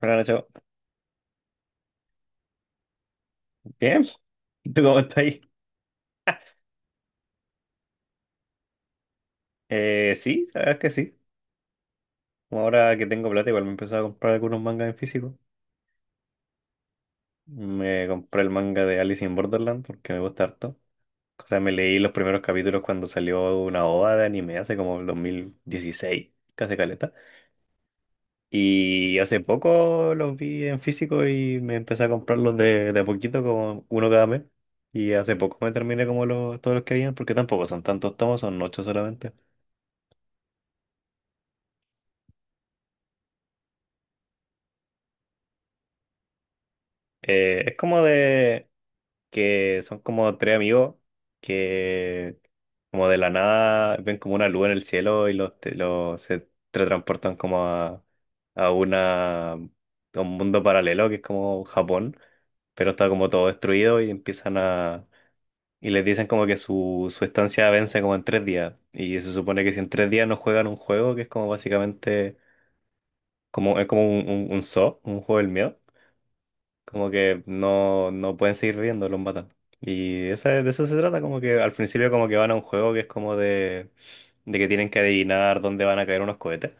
Buenas noches. Bien, ¿Y tú cómo estás ahí? Sí, sabes que sí. Como Ahora que tengo plata, igual me he empezado a comprar algunos mangas en físico. Me compré el manga de Alice in Borderland porque me gusta harto. O sea, me leí los primeros capítulos cuando salió una OVA de anime hace como el 2016, casi caleta. Y hace poco los vi en físico y me empecé a comprarlos de a poquito, como uno cada mes. Y hace poco me terminé como todos los que habían, porque tampoco son tantos tomos, son 8 solamente. Es como de que son como tres amigos que como de la nada ven como una luz en el cielo y los, te- los se teletransportan como a una a un mundo paralelo que es como Japón, pero está como todo destruido y empiezan a y les dicen como que su estancia vence como en 3 días, y se supone que si en 3 días no juegan un juego que es como básicamente como es como un zoo, un juego del miedo, como que no pueden seguir viviendo, los matan. Y esa- de eso se trata, como que al principio como que van a un juego que es como de que tienen que adivinar dónde van a caer unos cohetes,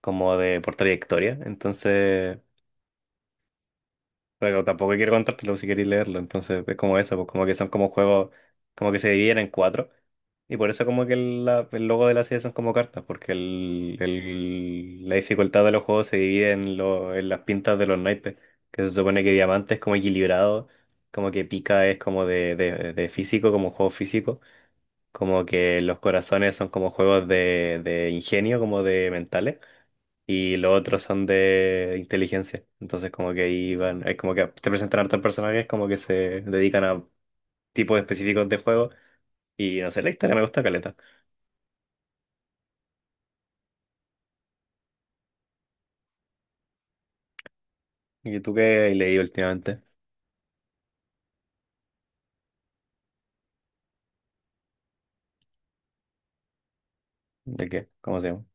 como de por trayectoria. Entonces, pero tampoco quiero contártelo si queréis leerlo. Entonces es como eso, pues como que son como juegos, como que se dividen en cuatro. Y por eso como que el logo de la serie son como cartas, porque la dificultad de los juegos se divide en, en las pintas de los naipes, que se supone que diamante es como equilibrado, como que pica es como de físico, como juego físico, como que los corazones son como juegos de ingenio, como de mentales, y los otros son de inteligencia. Entonces como que ahí van, es como que te presentan hartos personajes como que se dedican a tipos específicos de juego, y no sé, la historia me gusta caleta. ¿Y tú qué has leído últimamente? ¿De qué? ¿Cómo se llama?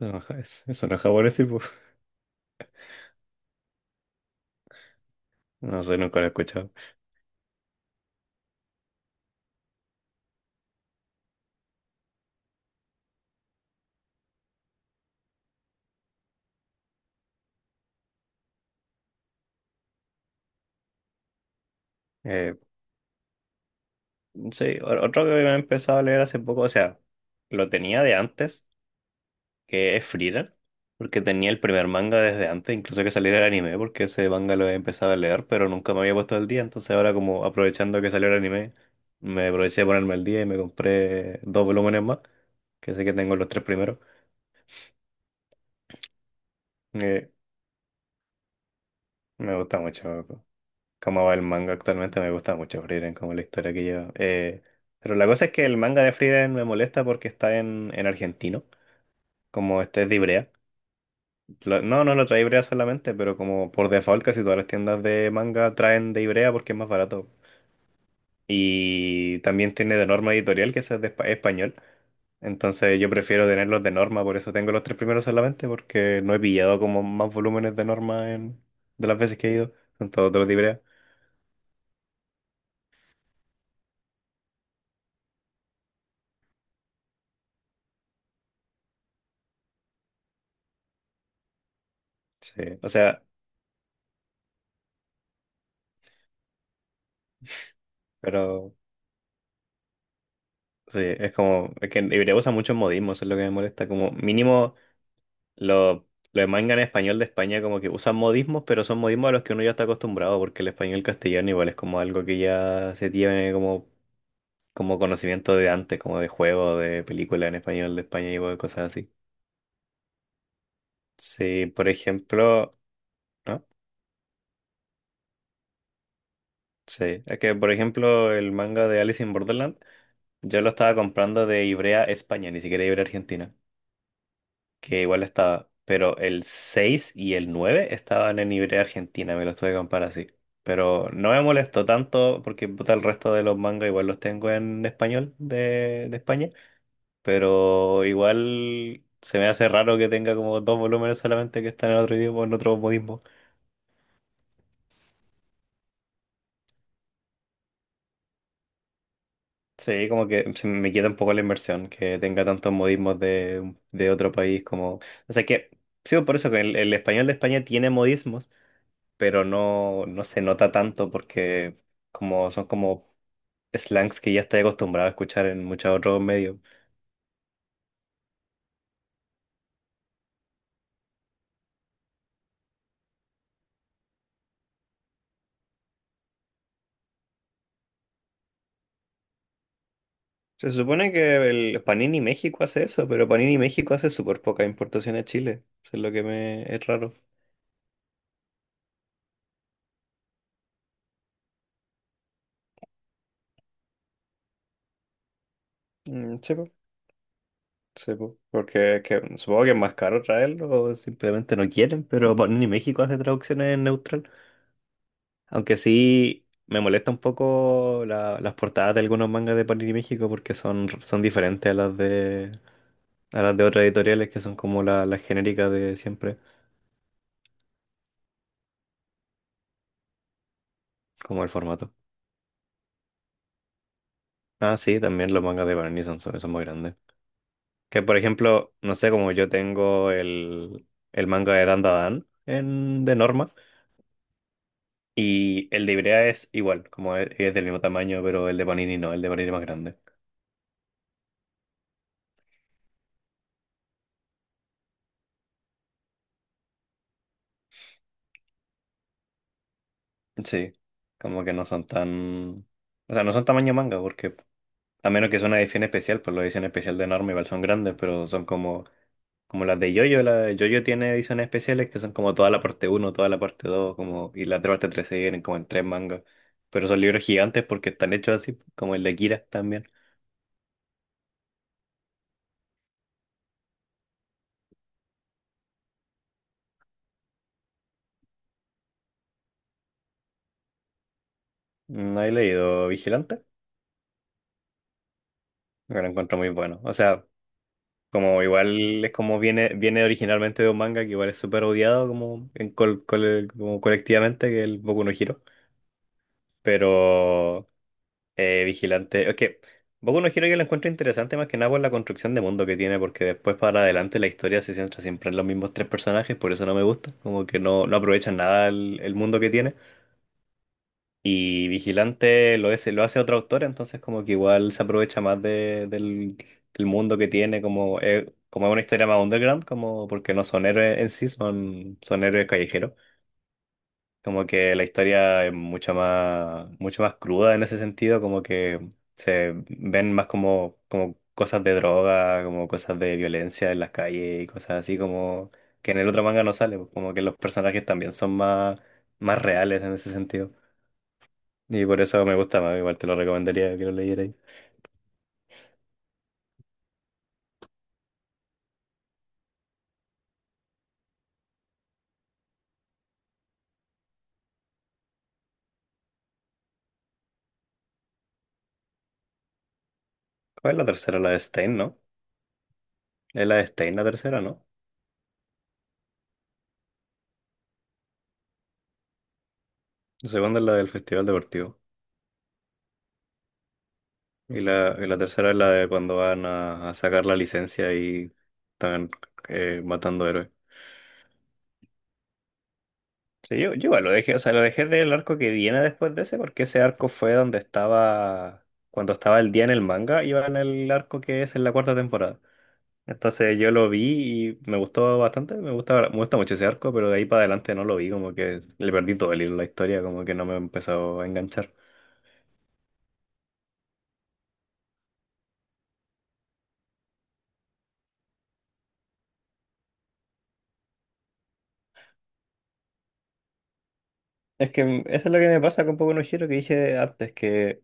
Eso no es japonés, tipo. No sé, nunca lo he escuchado. Eh, sí, otro que me he empezado a leer hace poco, o sea, lo tenía de antes, que es Frierer, porque tenía el primer manga desde antes, incluso que saliera el anime, porque ese manga lo he empezado a leer, pero nunca me había puesto al día, entonces ahora como aprovechando que salió el anime, me aproveché de ponerme al día y me compré dos volúmenes más, que sé que tengo los tres primeros. Eh, me gusta mucho cómo va el manga actualmente, me gusta mucho Frieren, como la historia que lleva. Pero la cosa es que el manga de Frieren me molesta porque está en argentino, como este es de Ivrea. No lo trae Ibrea solamente, pero como por default casi todas las tiendas de manga traen de Ibrea porque es más barato. Y también tiene de norma editorial que ese es de español. Entonces yo prefiero tenerlos de norma, por eso tengo los tres primeros solamente, porque no he pillado como más volúmenes de norma en, de las veces que he ido. Son todos de los de Ibrea. Sí, o sea, pero sí, es como, es que Ibrea usa muchos modismos, eso es lo que me molesta. Como mínimo, Los los mangas en español de España como que usan modismos, pero son modismos a los que uno ya está acostumbrado, porque el español castellano igual es como algo que ya se tiene como, como conocimiento de antes, como de juego, de película en español de España y cosas así. Sí, por ejemplo, ¿no? Sí, es que por ejemplo el manga de Alice in Borderland, yo lo estaba comprando de Ivrea España, ni siquiera Ivrea Argentina, que igual estaba, pero el 6 y el 9 estaban en Ibrea Argentina, me los tuve que comprar así. Pero no me molestó tanto porque puta, el resto de los mangas igual los tengo en español de España, pero igual se me hace raro que tenga como dos volúmenes solamente que están en otro idioma, en otro modismo. Sí, como que se me quita un poco la inversión, que tenga tantos modismos de otro país como... O sea que, sí, por eso que el español de España tiene modismos, pero no se nota tanto porque como son como slangs que ya estoy acostumbrado a escuchar en muchos otros medios. Se supone que el Panini México hace eso, pero Panini México hace súper poca importación a Chile. Eso es lo que me es raro. Mm, sí, po, porque es que supongo que es más caro traerlo o simplemente no quieren, pero Panini México hace traducciones en neutral. Aunque sí me molesta un poco las portadas de algunos mangas de Panini México porque son diferentes a las de, a las de otras editoriales, que son como las genéricas de siempre, como el formato. Ah, sí, también los mangas de Barney son, son muy grandes. Que por ejemplo, no sé, como yo tengo el manga de Dandadan en, de Norma, y el de Ibrea es igual, como es del mismo tamaño, pero el de Panini no, el de Panini es más grande. Sí, como que no son tan... O sea, no son tamaño manga porque a menos que sea una edición especial, pues la edición especial de Norma igual son grandes, pero son como, como las de Yoyo, la de Yoyo tiene ediciones especiales que son como toda la parte uno toda la parte 2 como, y la otra parte 3 se vienen como en tres mangas. Pero son libros gigantes porque están hechos así, como el de Kira también. No he leído Vigilante, pero lo encuentro muy bueno. O sea, como igual es como viene, viene originalmente de un manga que igual es súper odiado como, en como colectivamente, que es el Boku no Hero. Pero vigilante. Es que Boku no Hero yo la encuentro interesante más que nada por la construcción de mundo que tiene, porque después para adelante la historia se centra siempre en los mismos tres personajes, por eso no me gusta, como que no aprovechan nada el mundo que tiene. Y Vigilante lo es, lo hace otro autor, entonces como que igual se aprovecha más del, del mundo que tiene, como, como es una historia más underground, como porque no son héroes en sí, son héroes callejeros. Como que la historia es mucho más cruda en ese sentido, como que se ven más como, como cosas de droga, como cosas de violencia en las calles y cosas así, como que en el otro manga no sale, pues, como que los personajes también son más, más reales en ese sentido. Y por eso me gusta más, igual te lo recomendaría que lo leyerais. ¿Cuál es la tercera? La de Stein, ¿no? Es la de Stein la tercera, ¿no? La segunda es la del Festival Deportivo. Y la tercera es la de cuando van a sacar la licencia y están matando héroes. Sí, yo igual lo dejé, o sea, lo dejé del arco que viene después de ese, porque ese arco fue donde estaba, cuando estaba el día en el manga, iba en el arco que es en la cuarta temporada. Entonces yo lo vi y me gustó bastante, me gusta mucho ese arco, pero de ahí para adelante no lo vi, como que le perdí todo el hilo a la historia, como que no me empezó a enganchar. Es que mm, eso es lo que me pasa con Boku no Hero que dije antes, que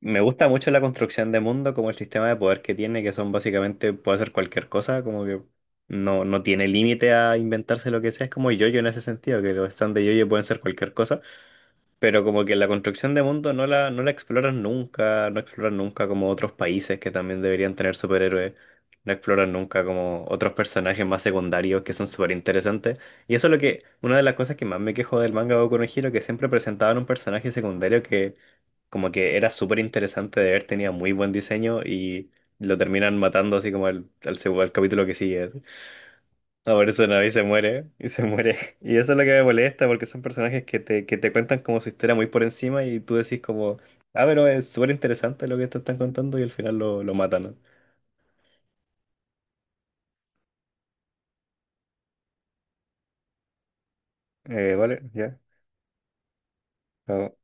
me gusta mucho la construcción de mundo, como el sistema de poder que tiene, que son básicamente, puede hacer cualquier cosa, como que no tiene límite a inventarse lo que sea, es como yo en ese sentido, que los stands de yo pueden ser cualquier cosa. Pero como que la construcción de mundo no no la exploran nunca, no exploran nunca como otros países que también deberían tener superhéroes, no exploran nunca como otros personajes más secundarios que son súper interesantes. Y eso es lo que, una de las cosas que más me quejo del manga Boku no Hero, que siempre presentaban un personaje secundario que como que era súper interesante de ver, tenía muy buen diseño y lo terminan matando así como al al capítulo que sigue. No, por eso no, y se muere, y se muere. Y eso es lo que me molesta, porque son personajes que te cuentan como su historia muy por encima y tú decís como, ah, pero es súper interesante lo que te están contando y al final lo matan, ¿no? Vale, ya.